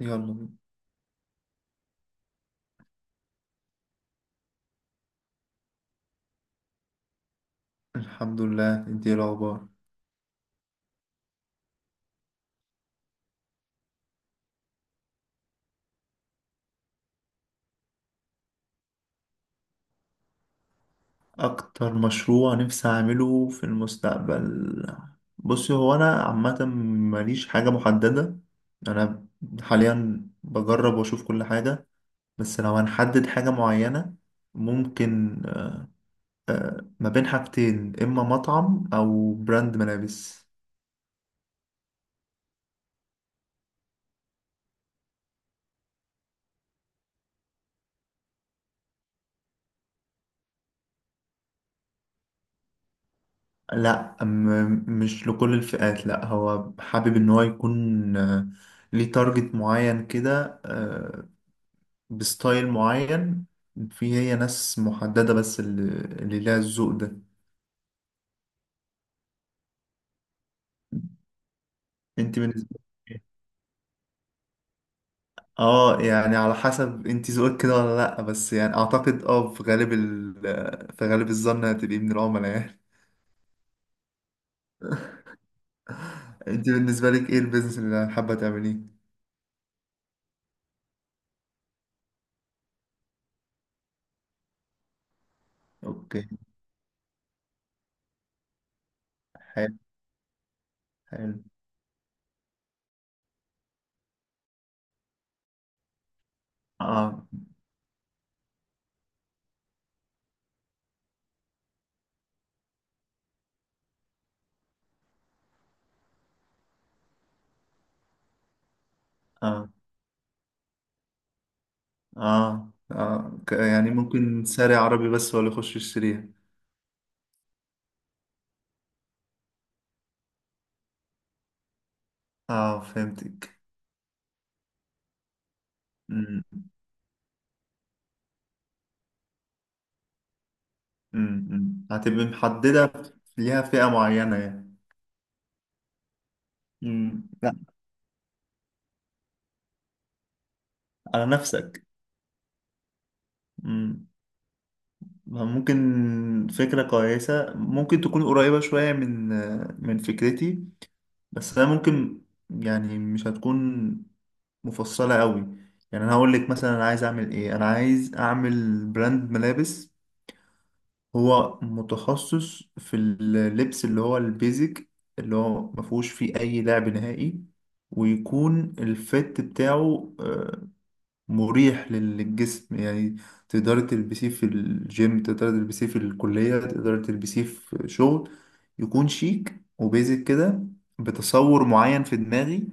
يلا بينا. الحمد لله. انت ايه الاخبار؟ اكتر مشروع نفسي اعمله في المستقبل. بصي، هو انا عامه ماليش حاجه محدده. انا حاليا بجرب واشوف كل حاجه. بس لو هنحدد حاجه معينه ممكن، ما بين حاجتين اما مطعم او براند ملابس. لا، مش لكل الفئات. لا، هو حابب ان هو يكون ليه تارجت معين كده، بستايل معين. في هي ناس محددة بس اللي ليها الذوق ده. انت بالنسبة لك، اه يعني على حسب انت ذوقك كده ولا لأ، بس يعني اعتقد في غالب الظن هتبقي من العملاء يعني. انت بالنسبة لك ايه البيزنس اللي حابة تعمليه؟ اوكي، حلو. حلو. اه، اه، اه، اه، يعني ممكن ساري عربي بس ولا يخش يشتريها. اه، فهمتك. أمم، أمم، أمم. هتبقي محددة ليها فئة معينة يعني. مم. لا. على نفسك. مم. ممكن فكرة كويسة، ممكن تكون قريبة شوية من فكرتي. بس أنا ممكن، يعني مش هتكون مفصلة قوي. يعني أنا هقول لك مثلا، أنا عايز أعمل إيه؟ أنا عايز أعمل براند ملابس. هو متخصص في اللبس اللي هو البيزك، اللي هو مفهوش فيه أي لعب نهائي. ويكون الفت بتاعه مريح للجسم يعني. تقدري تلبسيه في الجيم، تقدري تلبسيه في الكلية، تقدري تلبسيه في شغل. يكون شيك وبيزك كده. بتصور معين في دماغي.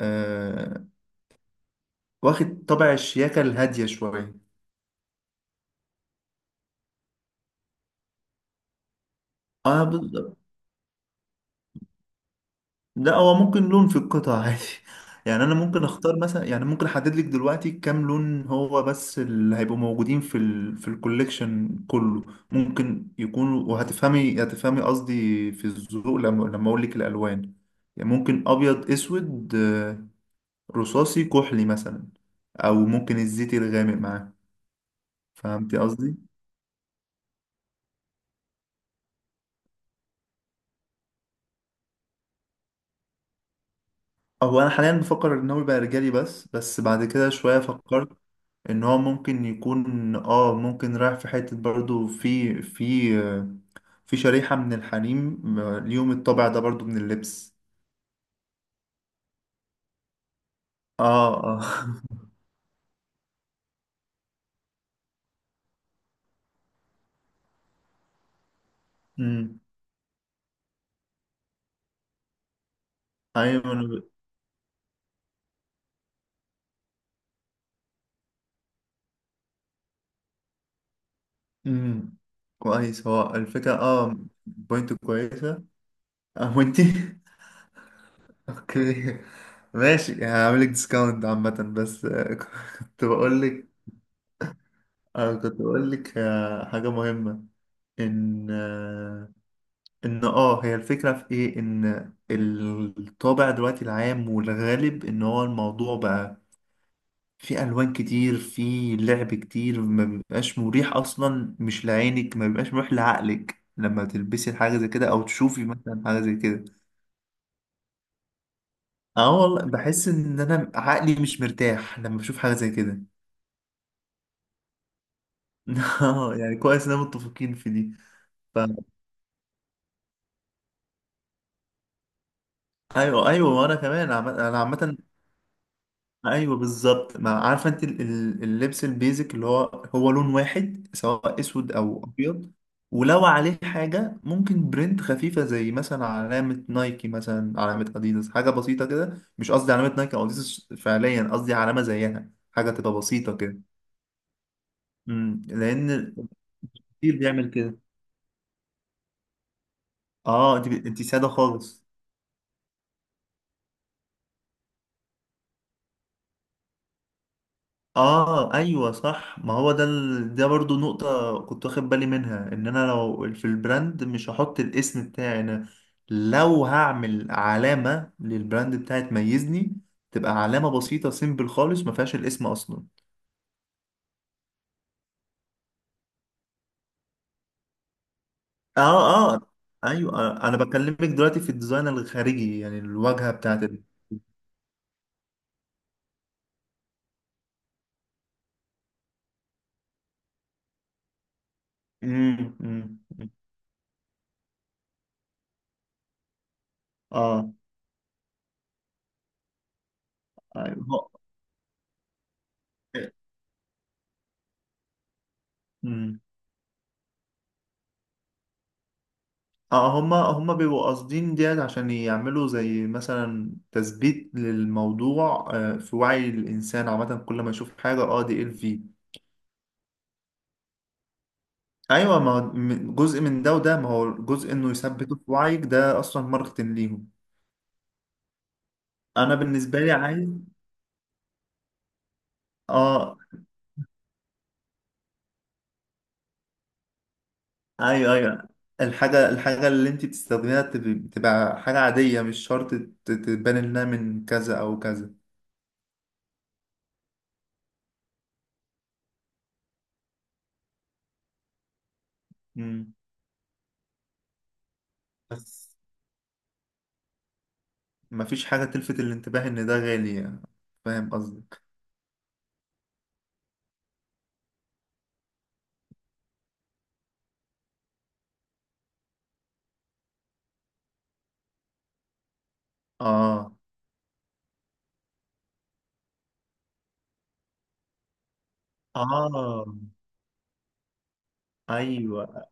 آه واخد طبع الشياكة الهادية شوية. أنا لا، هو ممكن لون في القطع عادي. يعني انا ممكن اختار مثلا، يعني ممكن احدد لك دلوقتي كام لون هو بس اللي هيبقوا موجودين في الكوليكشن كله. ممكن يكونوا، وهتفهمي هتفهمي قصدي في الذوق لما اقول لك الالوان. يعني ممكن ابيض، اسود، رصاصي، كحلي مثلا. او ممكن الزيتي الغامق معاه. فهمتي قصدي؟ هو انا حاليا بفكر ان هو يبقى رجالي بس، بس بعد كده شويه فكرت ان هو ممكن يكون، ممكن رايح في حتة برضو في في شريحة من الحريم، ليهم الطابع ده برضو من اللبس. اه، اه. أمم. ايوه، أنا أمم. كويس، هو الفكرة بوينت كويسة. اه، وانتي؟ اوكي، ماشي، هعملك ديسكاونت عامة بس، كنت بقولك. اه كنت بقولك، حاجة مهمة. ان آه، ان هي الفكرة في ايه، ان الطابع دلوقتي العام والغالب ان هو الموضوع بقى في الوان كتير، في لعب كتير، ما بيبقاش مريح اصلا، مش لعينك، ما بيبقاش مريح لعقلك لما تلبسي حاجة زي كده او تشوفي مثلا حاجة زي كده. اه والله، بحس ان انا عقلي مش مرتاح لما بشوف حاجة زي كده. اه، يعني كويس اننا متفقين في دي. ف... ايوه، ايوه، وانا كمان انا عامة. ايوه بالظبط، ما عارفه انت اللبس البيزك اللي هو هو لون واحد سواء اسود او ابيض. ولو عليه حاجه ممكن برنت خفيفه زي مثلا علامه نايكي، مثلا علامه اديداس، حاجه بسيطه كده. مش قصدي علامه نايكي او اديداس فعليا، قصدي علامه زيها، حاجه تبقى بسيطه كده. لان كتير بيعمل كده. اه، انت ساده خالص. اه، ايوه صح، ما هو ده برضو نقطة كنت واخد بالي منها، ان انا لو في البراند مش هحط الاسم بتاعي انا. لو هعمل علامة للبراند بتاعي تميزني، تبقى علامة بسيطة سيمبل خالص ما فيهاش الاسم اصلا. اه، اه، ايوه، انا بكلمك دلوقتي في الديزاين الخارجي، يعني الواجهة بتاعت أمم، أمم. اه، ايوه، إيه، أمم. اه هما هما بيبقوا قاصدين ديت عشان يعملوا زي مثلا تثبيت للموضوع، في وعي الإنسان عامة، كل ما يشوف حاجة دي في. أيوة، ما هو جزء من ده، وده ما هو جزء إنه يثبته في وعيك، ده أصلا ماركتنج ليهم. أنا بالنسبة لي عايز. اه، أيوة، أيوة. الحاجة اللي أنت بتستخدميها تبقى حاجة عادية، مش شرط تبان إنها من كذا أو كذا. مم. بس مفيش حاجة تلفت الانتباه إن ده غالي يعني. فاهم قصدي؟ اه، اه، ايوه،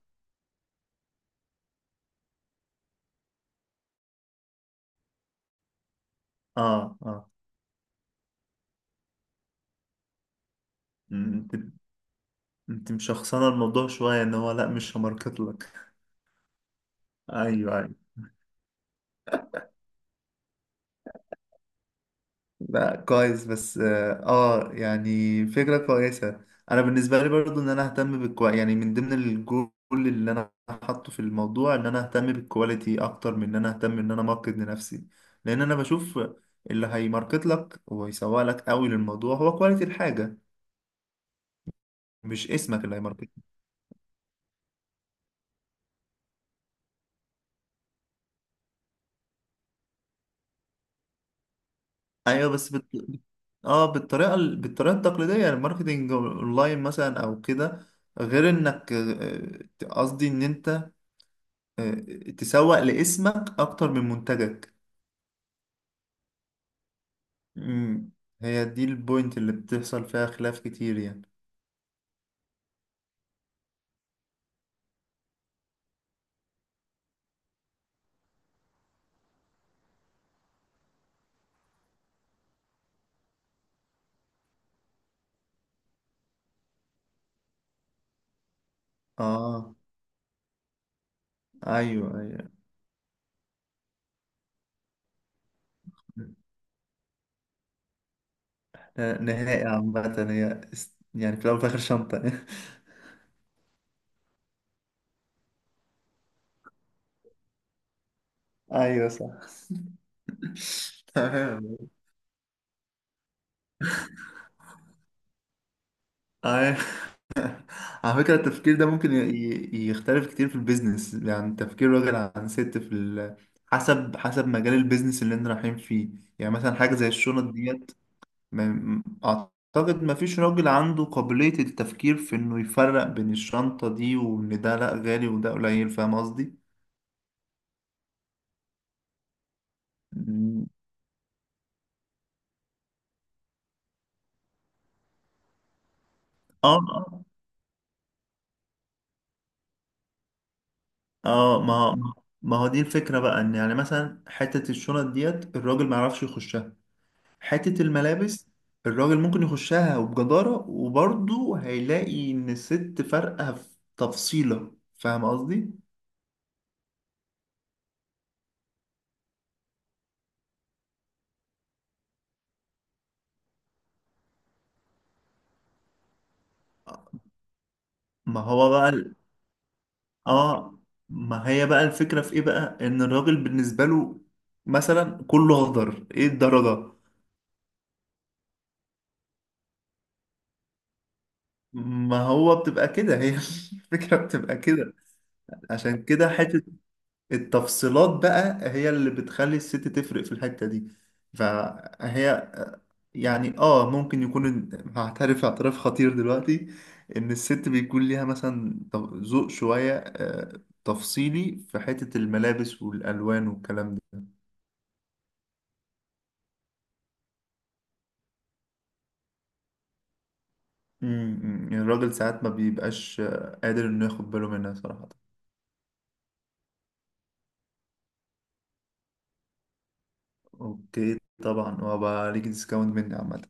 اه، اه. م- انت انت مشخصنه الموضوع شويه، ان هو لا مش هماركت لك. ايوه، ايوه. لا كويس، بس يعني فكره كويسه. انا بالنسبه لي برضو ان انا اهتم يعني من ضمن الجول اللي انا حاطه في الموضوع ان انا اهتم بالكواليتي اكتر من ان انا اهتم ان انا ماركت لنفسي. لان انا بشوف اللي هيماركت لك ويسوق لك قوي للموضوع هو كواليتي الحاجه، مش اسمك اللي هيماركت. ايوه، بس اه بالطريقه التقليديه، يعني الماركتنج اونلاين مثلا او كده. غير انك قصدي ان انت، آه، تسوق لاسمك اكتر من منتجك. امم هي دي البوينت اللي بتحصل فيها خلاف كتير يعني. اه، ايوه، ايوه. نهائي عامة، هي يعني في الاول وفي الاخر شنطة. ايوه صح. تمام. ايوه، على فكرة التفكير ده ممكن يختلف كتير في البيزنس، يعني تفكير راجل عن ست في حسب مجال البيزنس اللي انت رايحين فيه. يعني مثلا حاجة زي الشنط ديت. ما... م- أعتقد ما فيش راجل عنده قابلية التفكير في إنه يفرق بين الشنطة دي، وإن ده لأ غالي وده قليل. فاهم قصدي؟ مم. اه، اه، آه، ما ما هو دي الفكرة بقى، إن يعني مثلا حتة الشنط ديت الراجل ما يعرفش يخشها. حتة الملابس الراجل ممكن يخشها وبجدارة، وبرضه هيلاقي إن الست فارقة في تفصيلة. فاهم قصدي؟ ما هو بقى آه ما هي بقى الفكرة في إيه بقى؟ إن الراجل بالنسبة له مثلا كله أخضر، إيه الدرجة؟ ما هو بتبقى كده هي. الفكرة بتبقى كده. عشان كده حتة التفصيلات بقى هي اللي بتخلي الست تفرق في الحتة دي. فهي يعني ممكن يكون، هعترف اعتراف خطير دلوقتي، ان الست بيكون ليها مثلا ذوق شوية تفصيلي في حتة الملابس والالوان والكلام ده. يعني الراجل ساعات ما بيبقاش قادر انه ياخد باله منها صراحة. اوكي، طبعا، وبقى ليك ديسكاونت مني عامة.